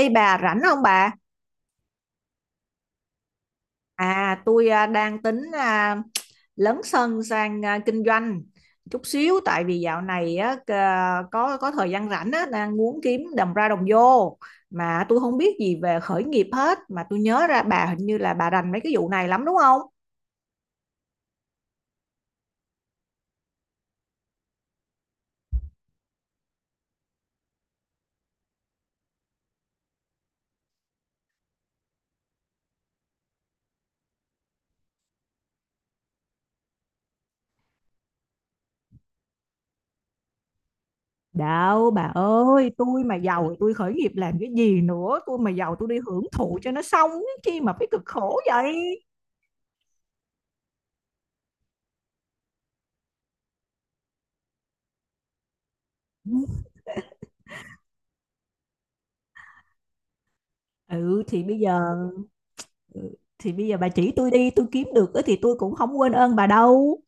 Ê bà rảnh không bà? Tôi đang tính lấn sân sang kinh doanh chút xíu, tại vì dạo này á, có thời gian rảnh á, đang muốn kiếm đồng ra đồng vô, mà tôi không biết gì về khởi nghiệp hết, mà tôi nhớ ra bà hình như là bà rành mấy cái vụ này lắm đúng không? Đâu bà ơi, tôi mà giàu thì tôi khởi nghiệp làm cái gì nữa, tôi mà giàu tôi đi hưởng thụ cho nó xong chứ chi mà phải cực khổ vậy. Ừ thì bây giờ. Ừ, thì bây giờ bà chỉ tôi đi, tôi kiếm được á thì tôi cũng không quên ơn bà đâu.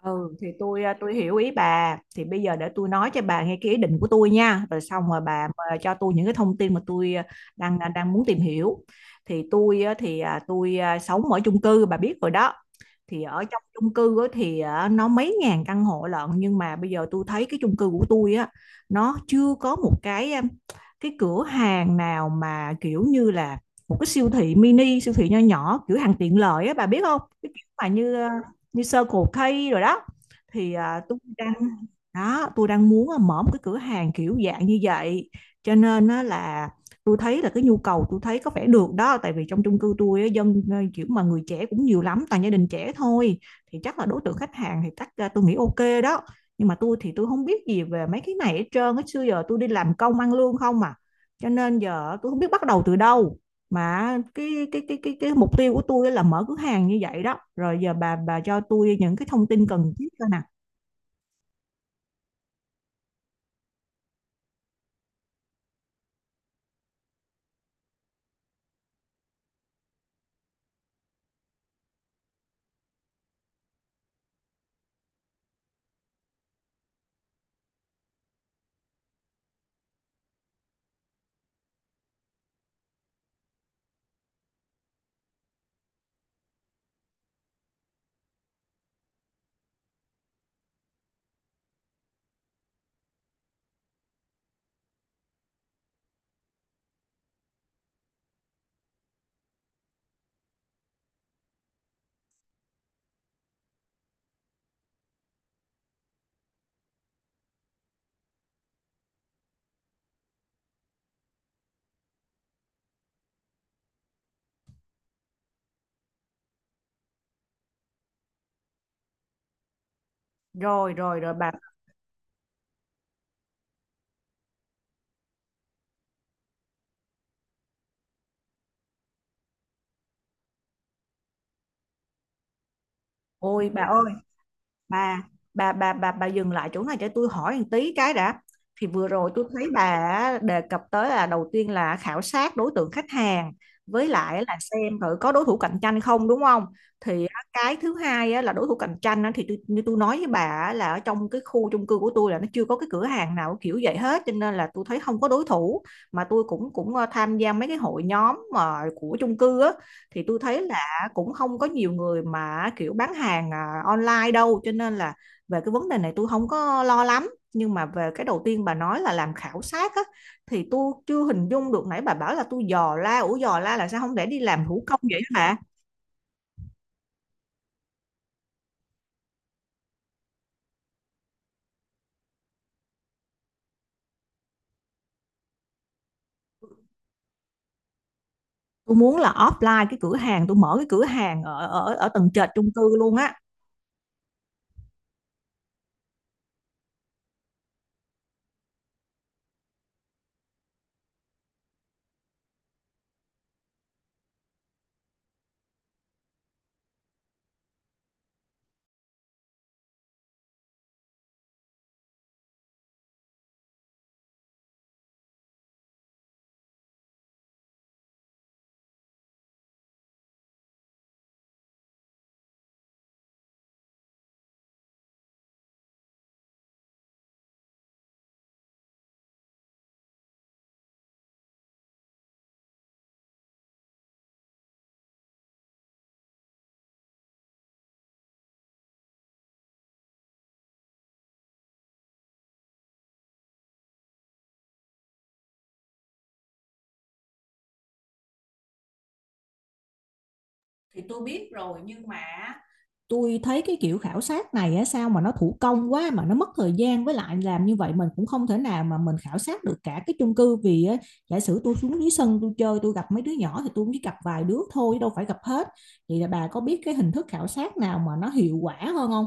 Ừ thì tôi tôi hiểu ý bà, thì bây giờ để tôi nói cho bà nghe cái ý định của tôi nha, rồi xong rồi bà cho tôi những cái thông tin mà tôi à, đang đang đang muốn tìm hiểu. Thì tôi à, thì à, tôi à, sống ở chung cư bà biết rồi đó, thì ở trong chung cư á, nó mấy ngàn căn hộ lận, nhưng mà bây giờ tôi thấy cái chung cư của tôi á, nó chưa có một cái cái cửa hàng nào mà kiểu như là một cái siêu thị mini, siêu thị nho nhỏ, cửa hàng tiện lợi á, bà biết không, cái kiểu mà như Circle K rồi đó. Thì à, tôi đang đó tôi đang muốn mở một cái cửa hàng kiểu dạng như vậy, cho nên nó là tôi thấy là cái nhu cầu tôi thấy có vẻ được đó, tại vì trong chung cư tôi dân kiểu mà người trẻ cũng nhiều lắm, toàn gia đình trẻ thôi, thì chắc là đối tượng khách hàng thì chắc tôi nghĩ ok đó. Nhưng mà tôi thì tôi không biết gì về mấy cái này hết trơn á, xưa giờ tôi đi làm công ăn lương không à, cho nên giờ tôi không biết bắt đầu từ đâu, mà cái mục tiêu của tôi là mở cửa hàng như vậy đó, rồi giờ bà cho tôi những cái thông tin cần thiết coi nè. Rồi rồi rồi bà, ôi bà ơi, bà bà dừng lại chỗ này cho tôi hỏi một tí cái đã. Thì vừa rồi tôi thấy bà đề cập tới là đầu tiên là khảo sát đối tượng khách hàng, với lại là xem thử có đối thủ cạnh tranh không đúng không. Thì á, cái thứ hai á, là đối thủ cạnh tranh á, thì tôi, như tôi nói với bà á, là ở trong cái khu chung cư của tôi là nó chưa có cái cửa hàng nào kiểu vậy hết, cho nên là tôi thấy không có đối thủ, mà tôi cũng cũng tham gia mấy cái hội nhóm mà của chung cư á, thì tôi thấy cũng không có nhiều người mà kiểu bán hàng online đâu, cho nên là về cái vấn đề này tôi không có lo lắm. Nhưng mà về cái đầu tiên bà nói là làm khảo sát á, thì tôi chưa hình dung được, nãy bà bảo là tôi dò la, ủa dò la là sao, không để đi làm thủ công vậy hả bà? Tôi muốn là offline, cái cửa hàng tôi mở cái cửa hàng ở ở ở tầng trệt chung cư luôn á. Thì tôi biết rồi, nhưng mà tôi thấy cái kiểu khảo sát này á, sao mà nó thủ công quá, mà nó mất thời gian, với lại làm như vậy mình cũng không thể nào mà mình khảo sát được cả cái chung cư, vì á, giả sử tôi xuống dưới sân tôi chơi tôi gặp mấy đứa nhỏ thì tôi cũng chỉ gặp vài đứa thôi chứ đâu phải gặp hết. Vậy là bà có biết cái hình thức khảo sát nào mà nó hiệu quả hơn không?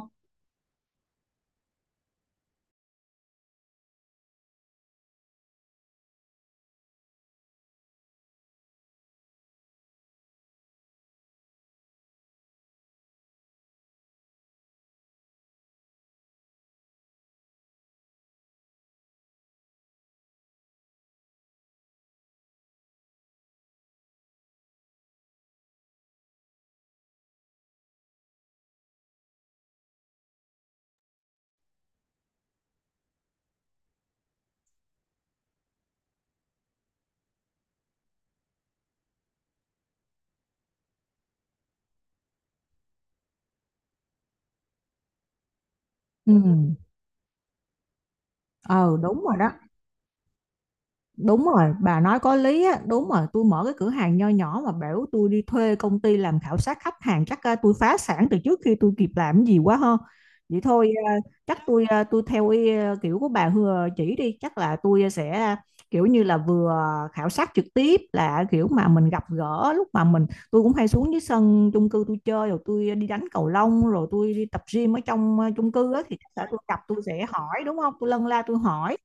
Ừ, ờ đúng rồi đó. Đúng rồi, bà nói có lý á, đúng rồi, tôi mở cái cửa hàng nho nhỏ mà bảo tôi đi thuê công ty làm khảo sát khách hàng chắc à, tôi phá sản từ trước khi tôi kịp làm cái gì quá ha. Vậy thôi à, chắc tôi tôi theo ý, kiểu của bà Hừa chỉ đi, chắc là tôi sẽ kiểu như là vừa khảo sát trực tiếp, là kiểu mà mình gặp gỡ lúc mà mình, tôi cũng hay xuống dưới sân chung cư tôi chơi, rồi tôi đi đánh cầu lông, rồi tôi đi tập gym ở trong chung cư á, thì chắc là tôi gặp tôi sẽ hỏi đúng không? Tôi lân la tôi hỏi,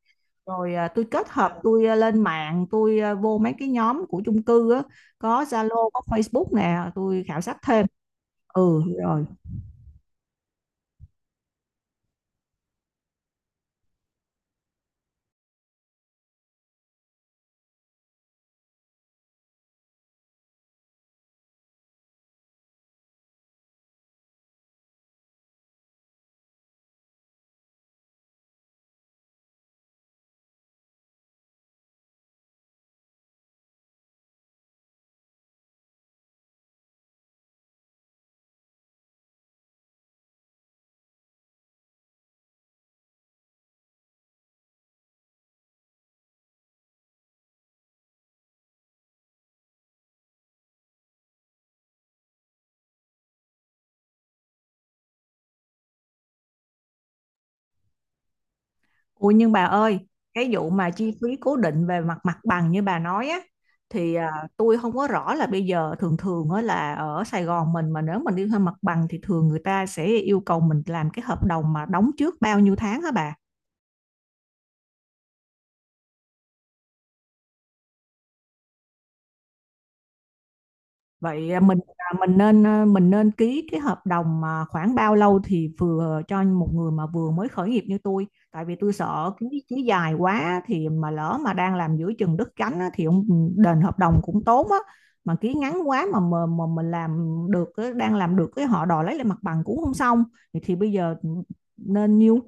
rồi tôi kết hợp tôi lên mạng, tôi vô mấy cái nhóm của chung cư á, có Zalo có Facebook nè, tôi khảo sát thêm. Ừ rồi. Ui nhưng bà ơi, cái vụ mà chi phí cố định về mặt mặt bằng như bà nói á, thì à, tôi không có rõ là bây giờ thường thường á, là ở Sài Gòn mình mà nếu mình đi thuê mặt bằng thì thường người ta sẽ yêu cầu mình làm cái hợp đồng mà đóng trước bao nhiêu tháng hả bà? Vậy mình nên ký cái hợp đồng mà khoảng bao lâu thì vừa cho một người mà vừa mới khởi nghiệp như tôi, tại vì tôi sợ ký ký dài quá thì mà lỡ mà đang làm giữa chừng đứt cánh á, thì ông đền hợp đồng cũng tốn á, mà ký ngắn quá mà mà mình làm được á, đang làm được cái họ đòi lấy lại mặt bằng cũng không xong. Thì bây giờ ừ, nên nhiêu?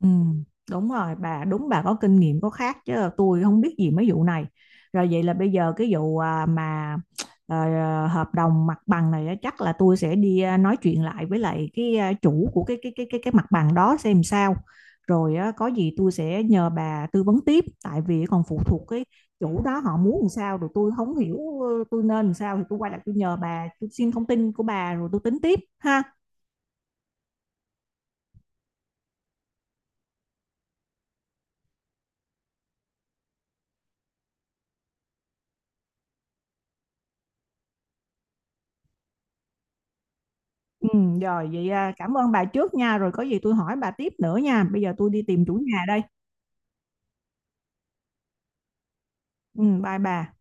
Ừ, đúng rồi bà, đúng, bà có kinh nghiệm có khác, chứ tôi không biết gì mấy vụ này. Rồi vậy là bây giờ cái vụ hợp đồng mặt bằng này á, chắc là tôi sẽ đi nói chuyện lại với lại cái chủ của cái mặt bằng đó xem sao. Rồi á, có gì tôi sẽ nhờ bà tư vấn tiếp, tại vì còn phụ thuộc cái chủ đó họ muốn làm sao, rồi tôi không hiểu tôi nên làm sao thì tôi quay lại tôi nhờ bà, tôi xin thông tin của bà rồi tôi tính tiếp ha. Ừ, rồi vậy à, cảm ơn bà trước nha, rồi có gì tôi hỏi bà tiếp nữa nha. Bây giờ tôi đi tìm chủ nhà đây. Ừ, bye bà.